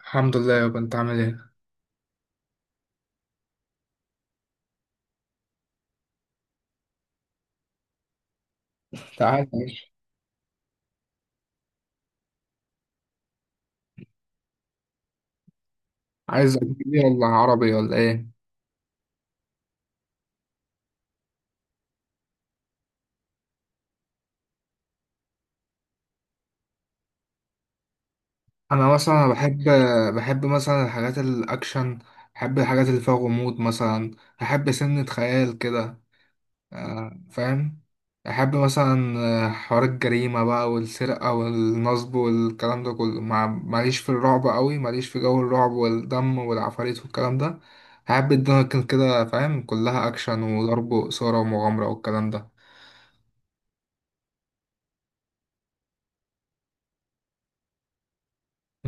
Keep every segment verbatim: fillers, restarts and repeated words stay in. الحمد لله يابا، انت عامل ايه؟ تعالى ماشي. عايز اجنبي ولا عربي ولا ايه؟ انا مثلا بحب، بحب مثلا الحاجات الاكشن، بحب الحاجات اللي فيها غموض مثلا، بحب سنة خيال كده. آه، فاهم. بحب مثلا آه، حوار الجريمة بقى والسرقة والنصب والكلام ده كله، مع ماليش في الرعب قوي، ماليش في جو الرعب والدم والعفاريت والكلام ده. بحب الدنيا تكون كده فاهم، كلها اكشن وضرب وإثارة ومغامرة والكلام ده.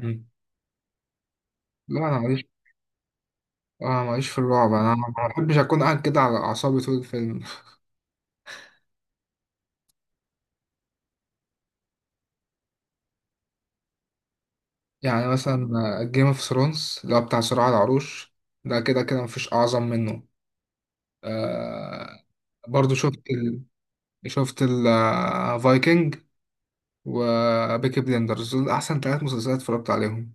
مم. لا انا ماليش، اه ماليش في الرعب، انا ما بحبش اكون قاعد كده على اعصابي طول الفيلم. يعني مثلا جيم اوف ثرونز اللي هو بتاع صراع العروش، ده كده كده مفيش اعظم منه. آه برضو شفت ال... شفت الفايكنج وبيكي بليندرز، دول احسن ثلاث مسلسلات اتفرجت عليهم.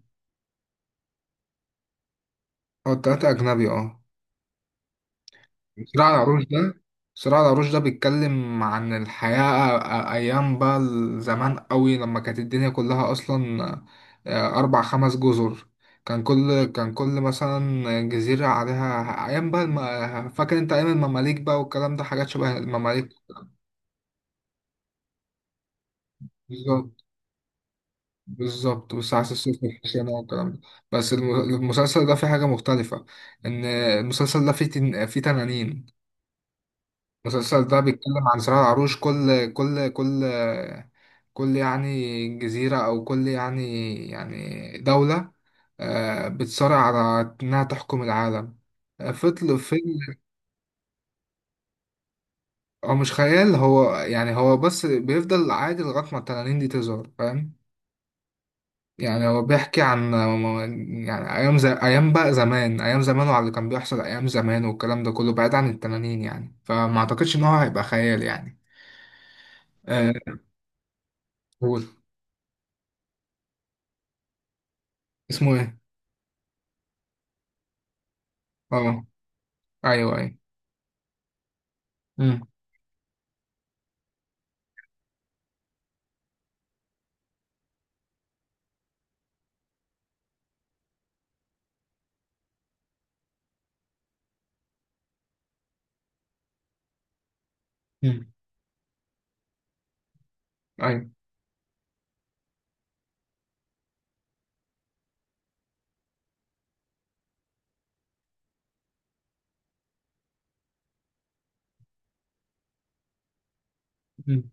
او التلاتة اجنبي اه. صراع العروش ده، صراع العروش ده بيتكلم عن الحياة أ- أيام بقى زمان قوي، لما كانت الدنيا كلها أصلا آه، أربع خمس جزر. كان كل كان كل مثلا جزيرة عليها أيام بقى الم... فاكر أنت أيام المماليك بقى، والكلام ده حاجات شبه المماليك. بالظبط. بالظبط، والساعة الصفر والحسينة والكلام ده. بس الم- المسلسل ده فيه حاجة مختلفة، إن المسلسل ده فيه تن... فيه تنانين. المسلسل ده بيتكلم عن صراع العروش، كل كل كل كل يعني جزيرة أو كل يعني يعني دولة آه، بتصارع على إنها تحكم العالم. آه، فضل فيلم. هو مش خيال، هو يعني هو بس بيفضل عادي لغاية ما التنانين دي تظهر فاهم. يعني هو بيحكي عن يعني أيام زي أيام بقى زمان، أيام زمان وعلى اللي كان بيحصل أيام زمان والكلام ده كله بعيد عن التنانين، يعني فما أعتقدش إن هو هيبقى خيال يعني. آه، قول. اسمه إيه؟ أه أيوه أيوه. أمم، أمم، أيوه. أمم،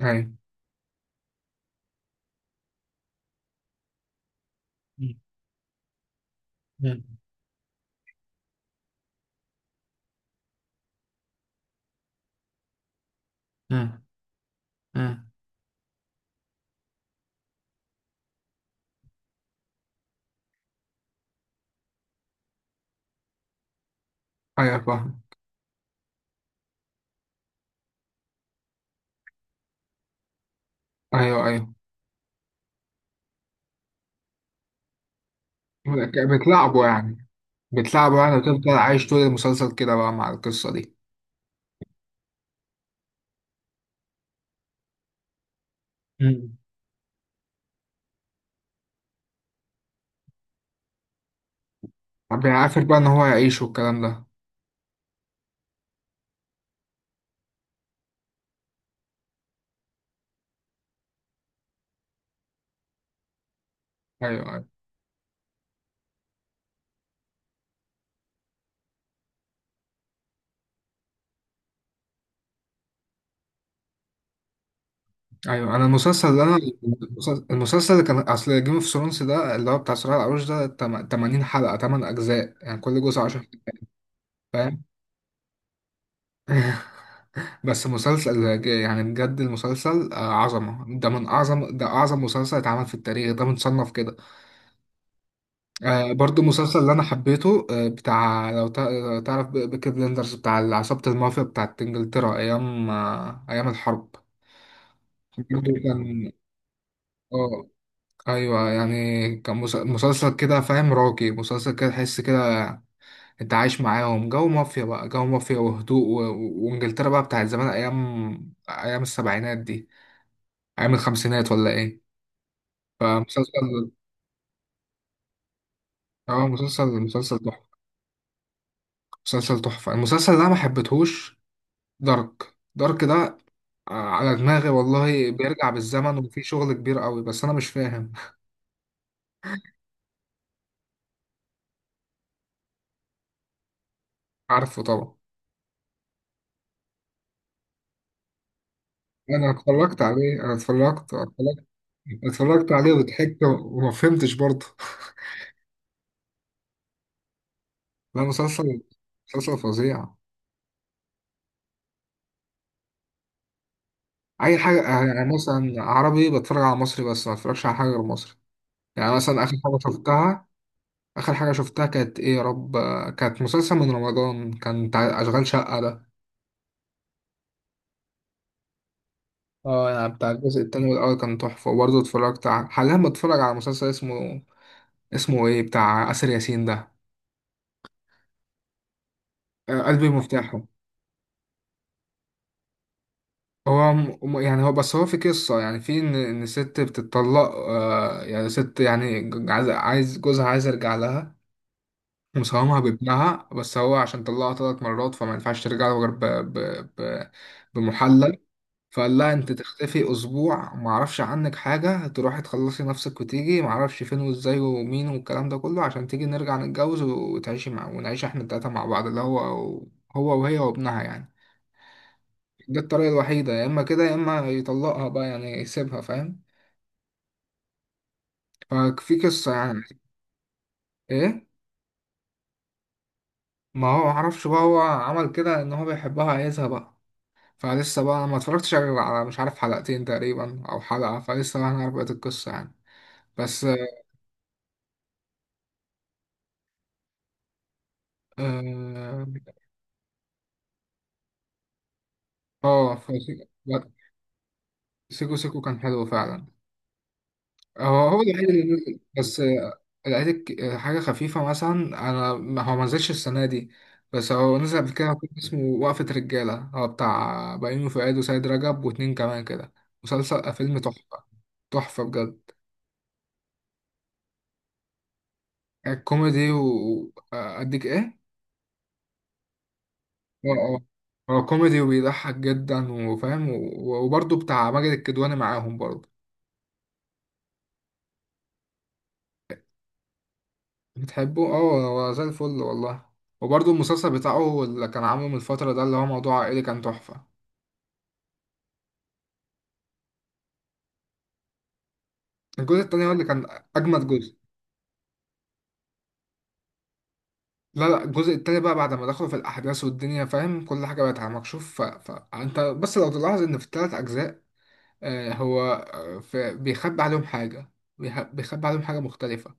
أيوه. مم. مم. مم. ايوه فاهم. ايوه ايوه. بتلعبه يعني، بتلعبه يعني وتفضل عايش طول المسلسل كده بقى مع القصة دي. مم. طب يعني عارف بقى ان هو يعيش والكلام ده. ايوه ايوه. ايوه انا المسلسل اللي انا، المسلسل المسلسل اللي كان اصل جيم اوف ثرونز ده اللي هو بتاع صراع العروش ده، تم- ثمانين حلقة، تمن اجزاء يعني كل جزء عشرة. فاهم. بس مسلسل ج- يعني بجد المسلسل آه، عظمة، ده من اعظم، ده اعظم مسلسل اتعمل في التاريخ، ده متصنف كده. آه برضو مسلسل اللي انا حبيته آه بتاع، لو تع- لو تعرف بي- بيكي بلندرز بتاع عصابة المافيا بتاعت انجلترا ايام آه ايام الحرب. برضو كان، اه ايوه يعني كان مس- مسلسل كده فاهم راقي، مسلسل كده تحس كده انت عايش معاهم جو مافيا بقى، جو مافيا وهدوء و... و- وانجلترا بقى بتاعت زمان، ايام ايام السبعينات دي، ايام الخمسينات ولا ايه. فمسلسل، اه مسلسل، مسلسل تحفة. مسلسل تحفة. المسلسل اللي انا ما حبيتهوش دارك، دارك ده آه، على دماغي والله، بيرجع بالزمن وفي شغل كبير قوي بس انا مش فاهم. عارفه طبعا. انا اتفرجت عليه، انا اتفرجت، اتفرجت، اتفرجت عليه وضحكت وما فهمتش برضه. لا مسلسل، مسلسل فظيع. اي حاجه، آه، يعني مثلا عربي بتفرج على مصري بس، ما اتفرجش على حاجه غير مصري. يعني مثلا اخر حاجه شفتها، اخر حاجه شفتها كانت ايه يا رب، آه، كانت مسلسل من رمضان كان بتاع اشغال شقه ده. اه يعني بتاع الجزء التاني، والأول كان تحفة، وبرضه اتفرجت على، حاليا بتفرج على مسلسل اسمه، اسمه ايه بتاع آسر ياسين ده، آه، قلبي مفتاحه. هو م- م- يعني هو بس، هو في قصة يعني، في إن إن ست بتطلق آه يعني ست يعني ج- عايز، عايز جوزها عايز يرجع لها ومساهمها بابنها، بس هو عشان طلقها ثلاث مرات فما ينفعش ترجع له غير ب- ب- ب- بمحلل. فقال لها انت تختفي اسبوع ما اعرفش عنك حاجه، تروحي تخلصي نفسك وتيجي ما اعرفش فين وازاي ومين، والكلام ده كله عشان تيجي نرجع نتجوز وتعيشي مع، ونعيش احنا التلاته مع بعض اللي هو، هو وهي وابنها يعني. ده الطريقه الوحيده، يا اما كده يا اما يطلقها بقى يعني يسيبها فاهم. ففي قصه يعني. ايه. ما هو ما اعرفش بقى، هو عمل كده ان هو بيحبها عايزها بقى. فلسه بقى انا ما اتفرجتش غير على مش عارف حلقتين تقريبا او حلقه، فلسه بقى هنعرف بقيه القصه يعني. بس آه، اه فسيكو، سيكو سيكو كان حلو فعلا. هو هو الوحيد اللي نزل بس، آه، لقيت آه، حاجة خفيفة مثلا. أنا ما- هو ما نزلش السنة دي، بس هو نزل قبل كده فيلم اسمه وقفة رجالة، هو بتاع بيومي فؤاد وسيد رجب واتنين كمان كده. مسلسل، آه، فيلم تحفة، تحفة بجد. كوميدي وأديك إيه؟ اه اه. هو كوميدي وبيضحك جدا وفاهم و- وبرضه بتاع ماجد الكدواني معاهم برضه. بتحبوه اه، هو زي الفل والله. وبرضه المسلسل بتاعه اللي كان عامله من الفترة ده اللي هو موضوع عائلي كان تحفة. الجزء التاني هو اللي كان أجمد جزء. لا لا، الجزء التاني بقى بعد ما دخلوا في الأحداث والدنيا، فاهم كل حاجة بقت على مكشوف. ف... فأنت بس لو تلاحظ إن في التلات أجزاء، آه هو آه، في... بيخبي عليهم حاجة، بيخ- بيخبي عليهم حاجة مختلفة.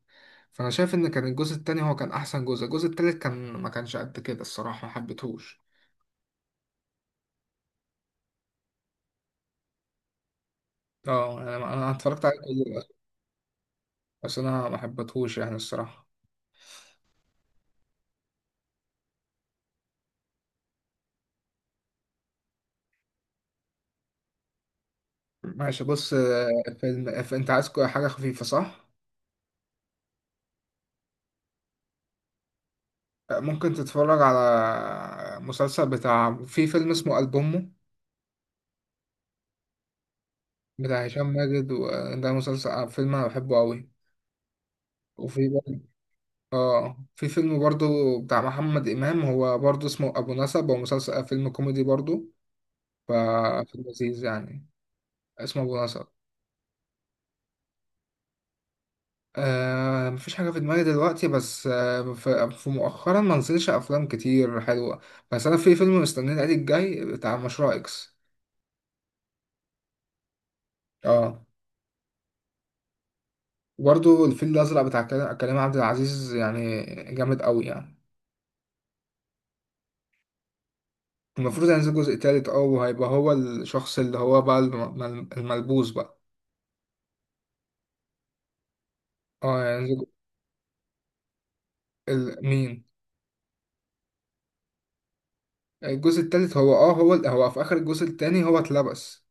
فأنا شايف إن كان الجزء التاني هو كان أحسن جزء، الجزء التالت كان ما كانش قد كده الصراحة، ما حبيتهوش. اه يعني أنا أنا اتفرجت عليه كله، بس أنا ما حبيتهوش يعني الصراحة. ماشي بص آه، فيلم ف- انت عايز كو- حاجة خفيفة صح؟ آه، ممكن تتفرج على مسلسل بتاع، في فيلم اسمه ألبومه بتاع هشام ماجد، وده مسلسل، آه، فيلم انا بحبه قوي. وفي برضه، اه في فيلم برضه بتاع محمد إمام، هو برضه اسمه أبو نسب، هو مسلسل، آه، فيلم كوميدي برضه، ففيلم لذيذ يعني. اسمه أبو نسب. آه مفيش حاجة في دماغي دلوقتي، بس آه في في مؤخرا ما نزلش أفلام كتير حلوة. بس أنا في فيلم مستنيه العيد الجاي بتاع مشروع إكس. اه. وبرضه الفيل الأزرق بتاع كلا- كريم عبد العزيز، يعني جامد أوي يعني. المفروض هينزل جزء تالت اه، وهيبقى هو الشخص اللي هو بقى الم- الم- الملبوس بقى. اه هينزل. ال- مين؟ الجزء التالت هو اه، هو هو في آخر الجزء التاني هو اتلبس.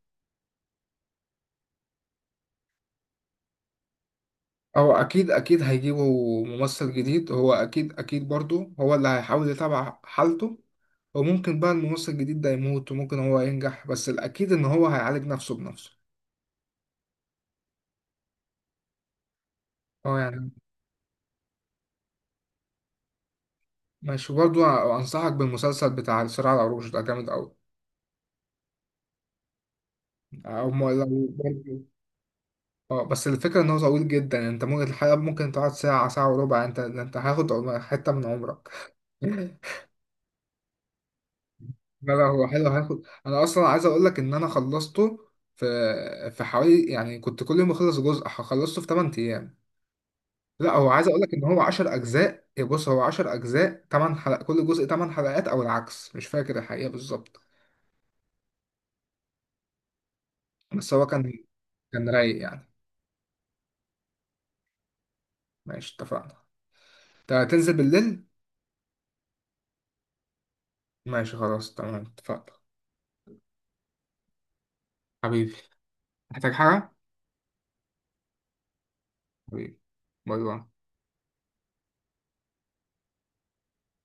هو اكيد اكيد هيجيبوا ممثل جديد، هو اكيد اكيد برضو هو اللي هيحاول يتابع حالته، وممكن بقى الممثل الجديد ده يموت وممكن هو ينجح، بس الاكيد ان هو هيعالج نفسه بنفسه. اه يعني. ماشي. برضو انصحك بالمسلسل بتاع صراع العروش ده، جامد قوي. او م- لو برضو، اه بس الفكره ان هو طويل جدا، يعني انت ممكن الحلقه ممكن تقعد ساعه، ساعه وربع، انت انت هاخد حته من عمرك. لا لا هو حلو. هاخد، انا اصلا عايز اقول لك ان انا خلصته في في حوالي يعني، كنت كل يوم اخلص جزء، خلصته في ثمانية ايام. لا هو، عايز اقول لك ان هو عشر اجزاء، يا بص هو عشر اجزاء تمن حلقات، كل جزء تمن حلقات او العكس، مش فاكر الحقيقة بالظبط. بس هو كان، كان رايق يعني. ماشي اتفقنا. انت هتنزل بالليل؟ ماشي خلاص تمام اتفقنا. حبيبي، محتاج حاجة؟ حبيبي. باي باي.